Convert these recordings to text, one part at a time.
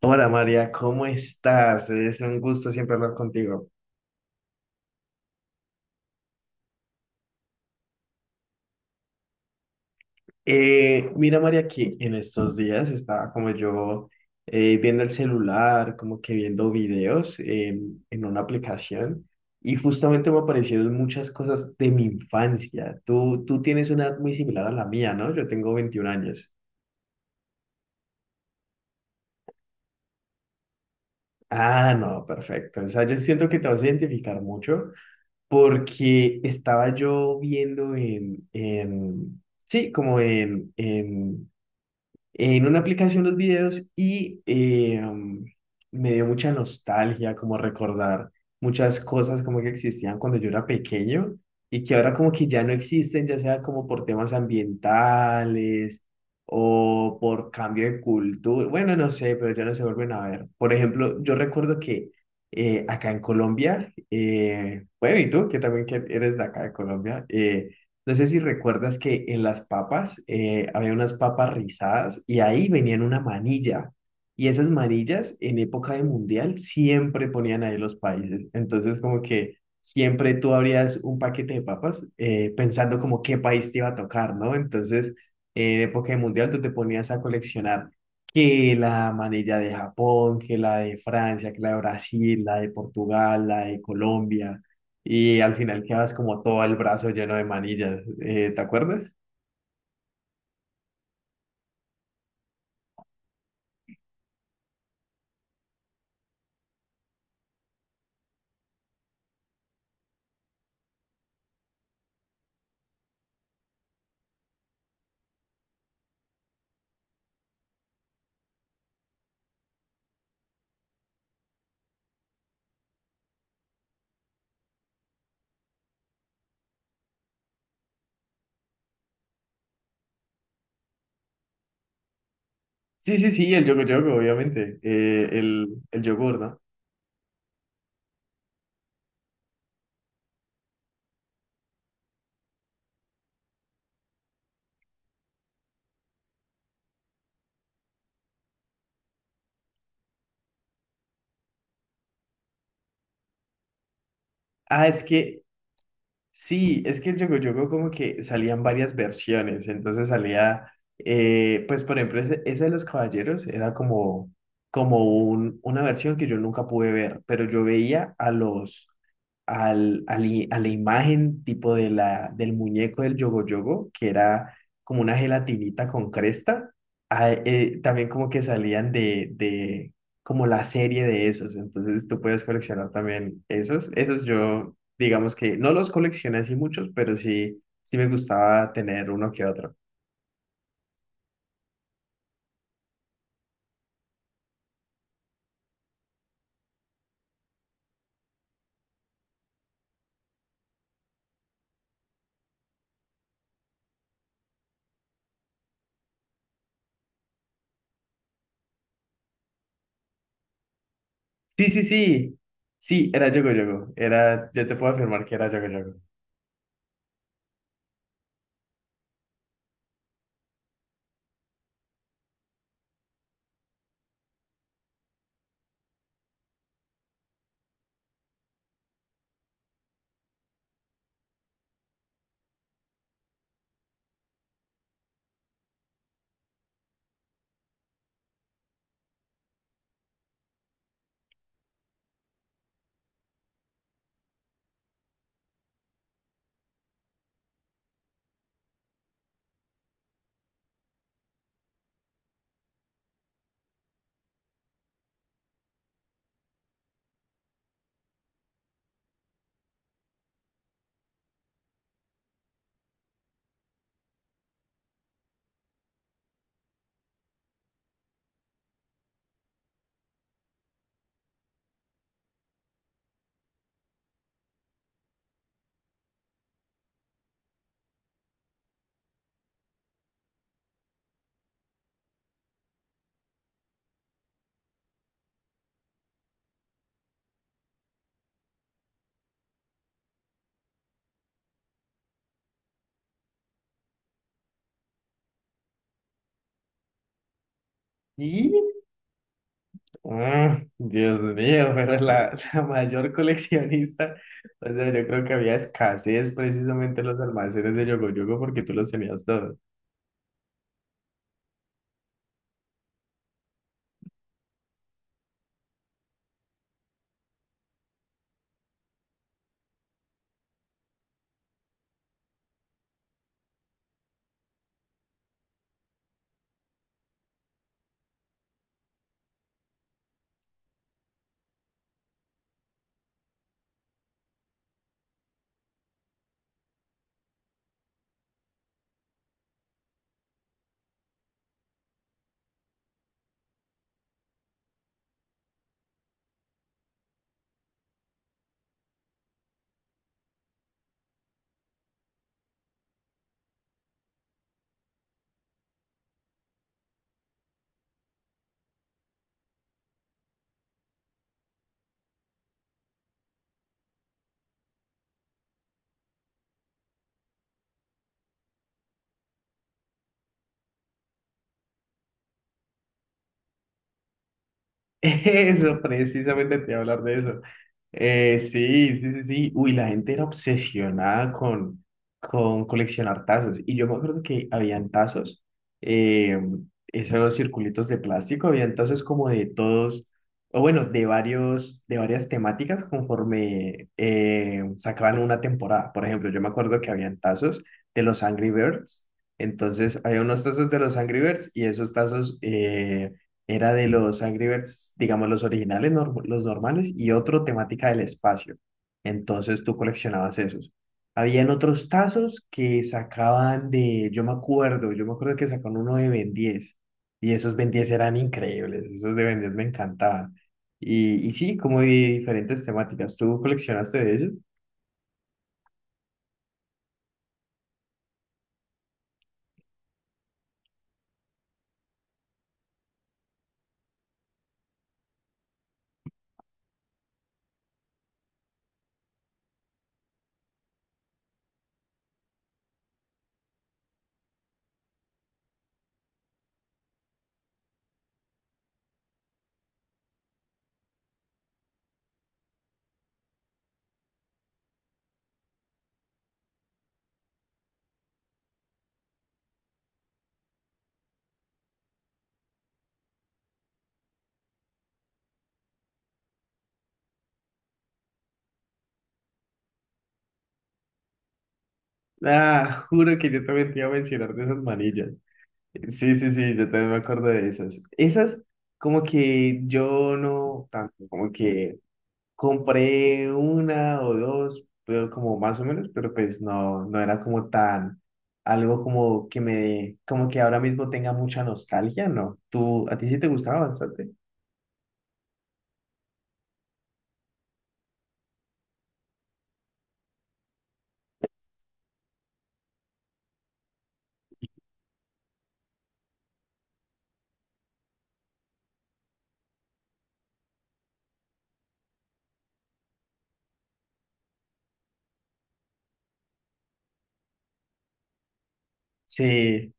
Hola María, ¿cómo estás? Es un gusto siempre hablar contigo. Mira María, que en estos días estaba como yo viendo el celular, como que viendo videos en una aplicación y justamente me aparecieron muchas cosas de mi infancia. Tú tienes una edad muy similar a la mía, ¿no? Yo tengo 21 años. Ah, no, perfecto. O sea, yo siento que te vas a identificar mucho porque estaba yo viendo en sí, como en una aplicación los videos y me dio mucha nostalgia, como recordar muchas cosas como que existían cuando yo era pequeño y que ahora como que ya no existen, ya sea como por temas ambientales o por cambio de cultura, bueno, no sé, pero ya no se vuelven a ver. Por ejemplo, yo recuerdo que acá en Colombia, bueno, y tú, que también que eres de acá de Colombia, no sé si recuerdas que en las papas había unas papas rizadas y ahí venían una manilla. Y esas manillas en época de mundial siempre ponían ahí los países. Entonces como que siempre tú abrías un paquete de papas pensando como qué país te iba a tocar, ¿no? Entonces en época de mundial tú te ponías a coleccionar que la manilla de Japón, que la de Francia, que la de Brasil, la de Portugal, la de Colombia y al final quedas como todo el brazo lleno de manillas. ¿Te acuerdas? Sí, sí, sí, el yogur yogur obviamente. El yogur, ¿no? Ah, es que sí, es que el Yogo Yogo como que salían varias versiones, entonces salía, pues por ejemplo, ese de los caballeros era como, como una versión que yo nunca pude ver, pero yo veía a los, al, al i- a la imagen tipo de del muñeco del Yogo Yogo, que era como una gelatinita con cresta, también como que salían de como la serie de esos, entonces tú puedes coleccionar también esos yo digamos que no los coleccioné así muchos, pero sí, sí me gustaba tener uno que otro. Sí, sí, sí, sí, era Yogo Yogo, era, yo te puedo afirmar que era Yogo Yogo. Y, ah, Dios mío, pero la, la mayor coleccionista, o sea, yo creo que había escasez precisamente en los almacenes de Yogo Yogo porque tú los tenías todos. Eso, precisamente te iba a hablar de eso. Sí, sí, sí, sí. Uy, la gente era obsesionada con coleccionar tazos. Y yo me acuerdo que habían tazos, eh, esos circulitos de plástico, habían tazos como de todos, o bueno, de varios, de varias temáticas conforme sacaban una temporada. Por ejemplo, yo me acuerdo que habían tazos de los Angry Birds. Entonces, había unos tazos de los Angry Birds y esos tazos, era de los Angry Birds, digamos los originales, los normales, y otro temática del espacio. Entonces tú coleccionabas esos. Habían otros tazos que sacaban de, yo me acuerdo que sacaban uno de Ben 10, y esos Ben 10 eran increíbles, esos de Ben 10 me encantaban. Y sí, como de diferentes temáticas. ¿Tú coleccionaste de ellos? Ah, juro que yo también te iba a mencionar de esas manillas. Sí, sí, sí, yo también me acuerdo de esas. Esas, como que yo no tanto, como que compré una o dos, pero como más o menos, pero pues no, no era como tan, algo como que me, como que ahora mismo tenga mucha nostalgia, ¿no? ¿Tú, a ti sí te gustaba bastante? Sí,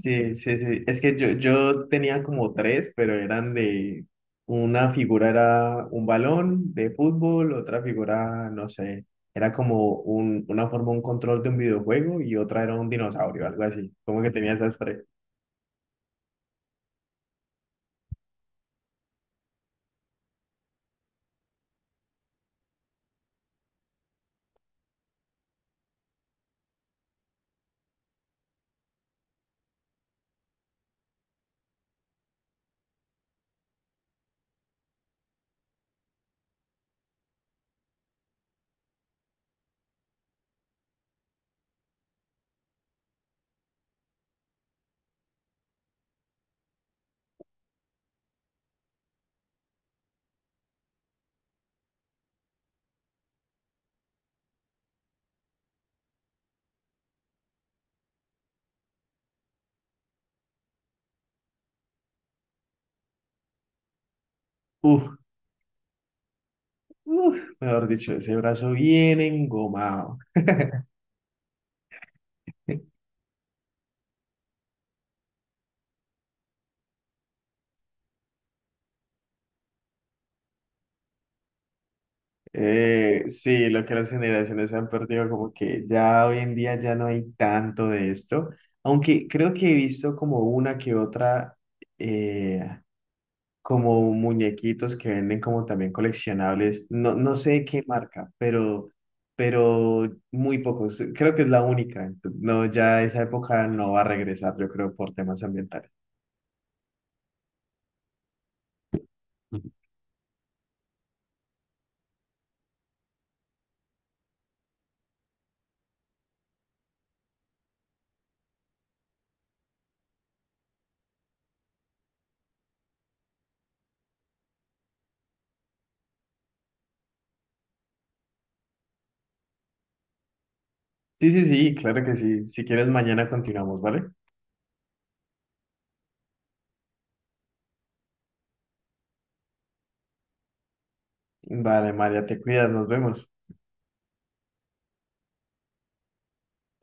sí, sí, sí. Es que yo tenía como tres, pero eran de una figura era un balón de fútbol, otra figura, no sé, era como una forma, un control de un videojuego y otra era un dinosaurio, algo así. Como que tenía esas tres. Uf, uf, mejor dicho, ese brazo bien engomado. Sí, lo que las generaciones han perdido, como que ya hoy en día ya no hay tanto de esto, aunque creo que he visto como una que otra. eh, Como muñequitos que venden como también coleccionables. No, no sé qué marca, pero muy pocos. Creo que es la única. No, ya esa época no va a regresar, yo creo, por temas ambientales. Ujú. Sí, sí, sí, claro que sí. Si quieres, mañana continuamos, ¿vale? Vale, María, te cuidas, nos vemos.